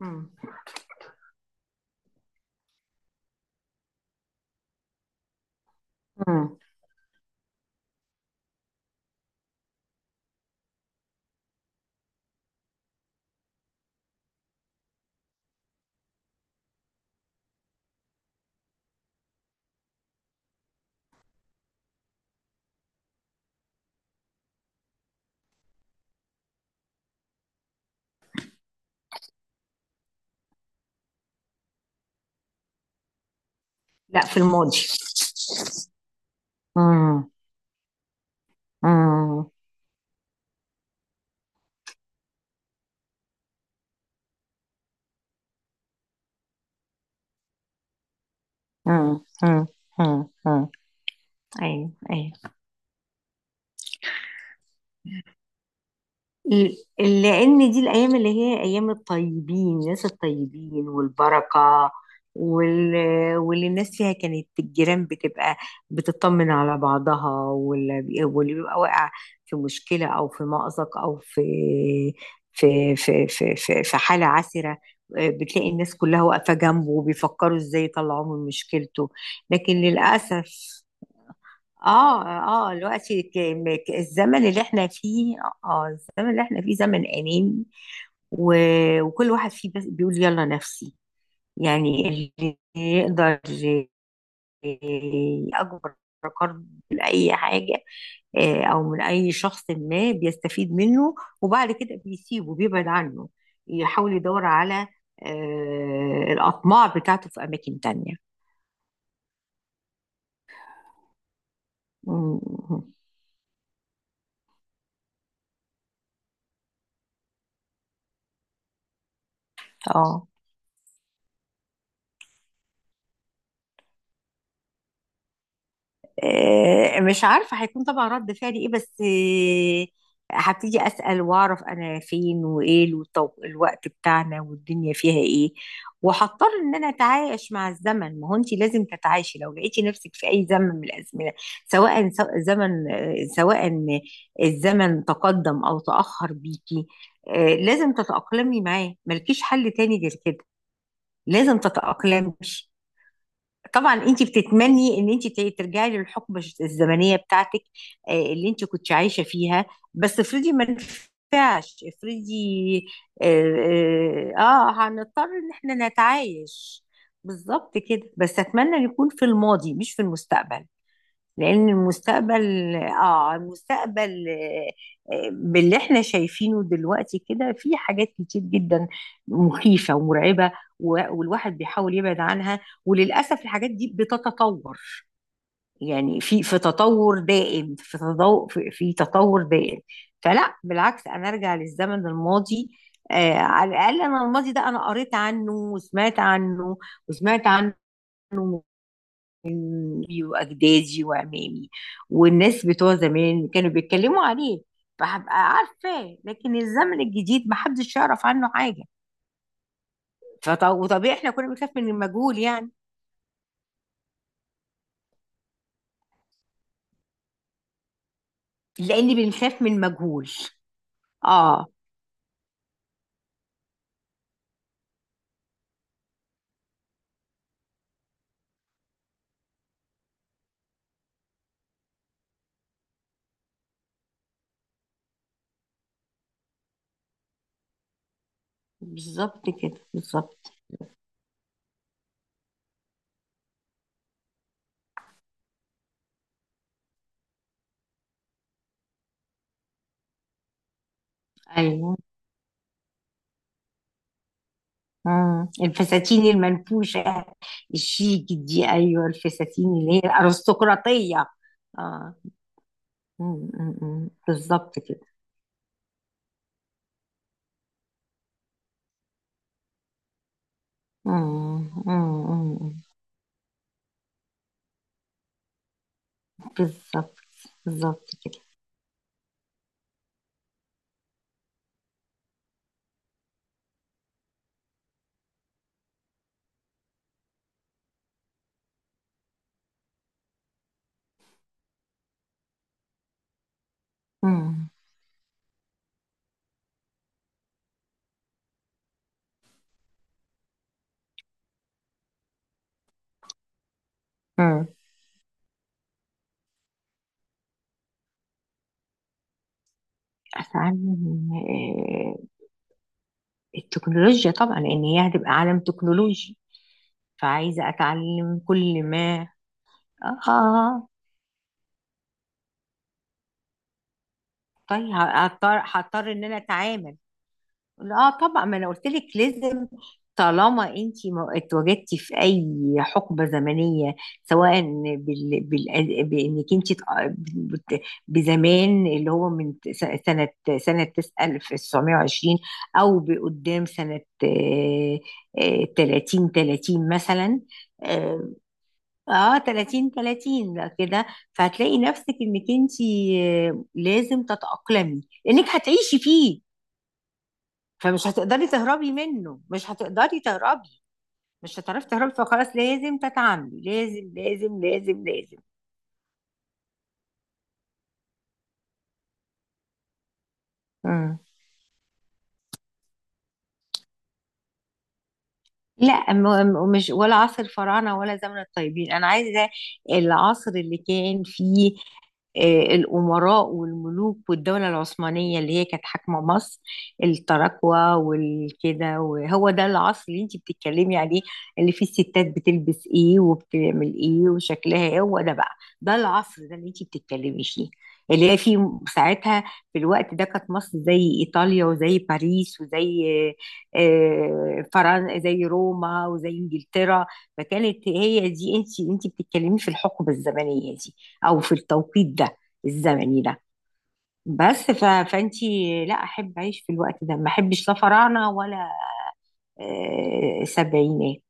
مم. مم. لا، في الماضي. مم. مم. مم. مم. مم. مم. ايوه، ايوه. ل- لأن دي الأيام اللي هي أيام الطيبين، الناس الطيبين والبركة، وال... واللي الناس فيها كانت الجيران بتبقى بتطمن على بعضها، واللي بيبقى واقع في مشكلة أو في مأزق أو في في حالة عسرة، بتلاقي الناس كلها واقفة جنبه وبيفكروا إزاي يطلعوه من مشكلته. لكن للأسف، اه، اه، دلوقتي الزمن اللي احنا فيه، اه، الزمن اللي احنا فيه زمن اناني. و... وكل واحد فيه بس بيقول يلا نفسي. يعني اللي يقدر يأجر من اي حاجه، او من اي شخص، ما بيستفيد منه وبعد كده بيسيبه، بيبعد عنه، يحاول يدور على الاطماع بتاعته في اماكن تانية. م- م- اه، مش عارفة هيكون طبعا رد فعلي ايه، بس هبتدي أسأل وأعرف أنا فين وإيه الوقت بتاعنا والدنيا فيها إيه، وهضطر إن أنا أتعايش مع الزمن. ما هو أنت لازم تتعايشي لو لقيتي نفسك في أي زمن من الأزمنة. سواء زمن، سواء الزمن تقدم أو تأخر بيكي، لازم تتأقلمي معاه، ملكيش حل تاني غير كده. لازم تتأقلمي. طبعا انت بتتمني ان انت ترجعي للحقبه الزمنيه بتاعتك، اللي انت كنت عايشه فيها، بس افرضي ما نفعش، افرضي. اه, آه، هنضطر ان احنا نتعايش بالظبط كده، بس اتمنى نكون في الماضي مش في المستقبل. لان المستقبل، اه، المستقبل، باللي احنا شايفينه دلوقتي كده، في حاجات كتير جدا مخيفة ومرعبة، والواحد بيحاول يبعد عنها، وللأسف الحاجات دي بتتطور. يعني في تطور دائم، في تطور، في تطور دائم. فلا، بالعكس، انا ارجع للزمن الماضي. آه، على الاقل انا الماضي ده انا قريت عنه وسمعت عنه، وسمعت عنه أمي واجدادي وعمامي والناس بتوع زمان كانوا بيتكلموا عليه، فهبقى عارفاه. لكن الزمن الجديد محدش يعرف عنه حاجه. وطبيعي احنا كنا بنخاف من المجهول يعني، لان بنخاف من المجهول. اه، بالظبط كده، بالظبط. ايوه. مم. الفساتين المنفوشه الشيك دي، ايوه، الفساتين اللي هي الارستقراطيه. اه. بالظبط كده. مم، مم، مم. بالظبط، بالظبط كده. امم. امم. اتعلم التكنولوجيا طبعا، لان هي هتبقى عالم تكنولوجي، فعايزه اتعلم كل ما. اه، طيب هضطر ان انا اتعامل. لا طبعا، ما انا قلت لك لازم. طالما انت اتواجدتي في اي حقبه زمنيه، سواء بانك انت بت- بزمان اللي هو من س- سنه سنه 1920، او بقدام سنه، 30 مثلا. اه، 30 بقى كده. فهتلاقي نفسك انك انت، لازم تتاقلمي، لانك هتعيشي فيه. فمش هتقدري تهربي منه، مش هتقدري تهربي، مش هتعرفي تهربي، فخلاص لازم تتعاملي. لازم، لازم، لازم، لازم. مم. لا، مش ولا عصر الفراعنة ولا زمن الطيبين، أنا عايزة العصر اللي كان فيه الأمراء والملوك، والدولة العثمانية اللي هي كانت حاكمة مصر، التراكوة والكده. وهو ده العصر اللي انتي بتتكلمي عليه، اللي فيه الستات بتلبس ايه وبتعمل ايه وشكلها ايه. هو ده بقى، ده العصر ده اللي انتي بتتكلمي فيه، اللي هي فيه ساعتها. في الوقت ده كانت مصر زي إيطاليا وزي باريس وزي فرنسا، زي روما وزي انجلترا. فكانت هي دي، انت انت بتتكلمي في الحقبه الزمنيه دي او في التوقيت ده الزمني ده. بس فانت، لا احب اعيش في الوقت ده، ما احبش لا فراعنه ولا سبعينات.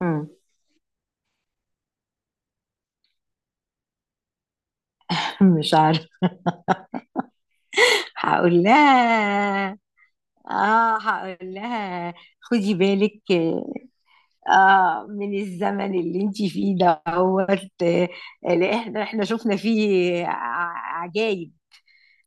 مم. مش عارفه. هقول لها، اه، هقول لها خدي بالك، آه، من الزمن اللي انتي فيه دوت، لأن احنا شفنا فيه عجايب،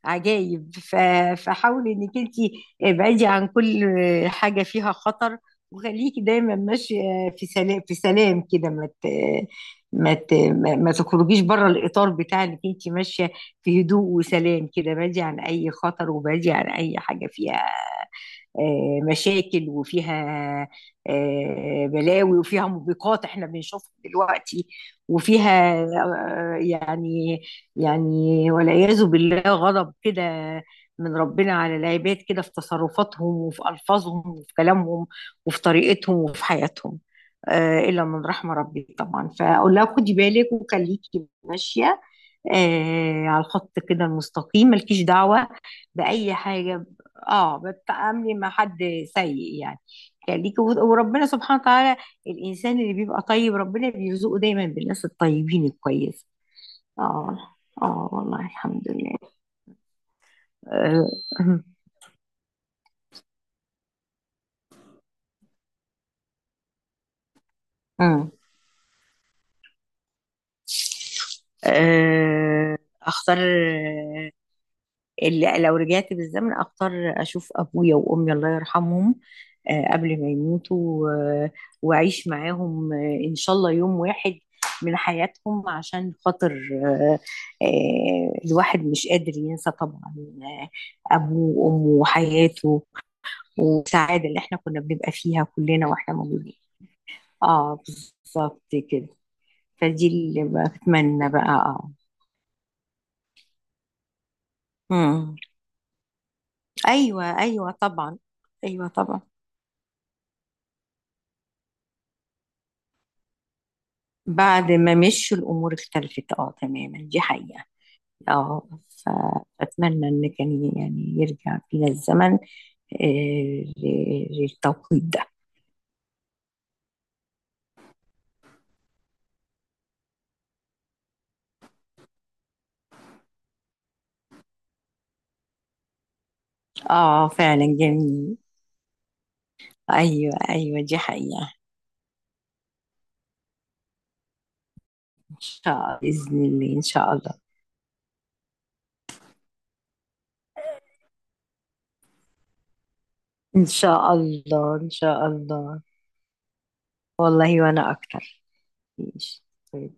عجايب. فحاولي انك انتي ابعدي عن كل حاجة فيها خطر، وخليكي دايما ماشية في سلام، في سلام كده. ما ت- ما ت- ما ما تخرجيش بره الإطار بتاع انك انتي ماشية في هدوء وسلام كده. بعدي عن أي خطر وبعدي عن أي حاجة فيها مشاكل، وفيها بلاوي، وفيها موبقات احنا بنشوفها دلوقتي، وفيها يعني، يعني والعياذ بالله غضب كده من ربنا على العباد، كده في تصرفاتهم وفي ألفاظهم وفي كلامهم وفي طريقتهم وفي حياتهم، إلا من رحمة ربي طبعا. فأقول لها خدي بالك وخليكي ماشية على الخط كده المستقيم، مالكيش دعوة بأي حاجة. اه، بالتعاملي مع حد سيء يعني. خليكي. وربنا سبحانه وتعالى الانسان اللي بيبقى طيب ربنا بيرزقه دايما بالناس الطيبين الكويسه. اه. اه، والله الحمد لله. آه. آه. اختار. اللي لو رجعت بالزمن اختار اشوف ابويا وامي، الله يرحمهم، قبل ما يموتوا، آه، واعيش معاهم ان شاء الله يوم واحد من حياتهم، عشان خاطر، الواحد مش قادر ينسى طبعا آه، أبوه وأمه وحياته والسعادة اللي احنا كنا بنبقى فيها كلنا واحنا موجودين. اه، بالظبط كده. فدي اللي بتمنى بقى. اه. مم. ايوه، ايوه طبعا. ايوه طبعا، بعد ما مشوا الامور اختلفت، اه، تماما، دي حقيقة. اه، فاتمنى ان كان يعني يرجع بينا الزمن للتوقيت ده. اه، فعلا جميل. ايوه، ايوه، دي حقيقة. ان شاء الله، باذن الله، ان شاء الله. ان شاء الله، ان شاء الله. والله وانا اكتر. ماشي. طيب.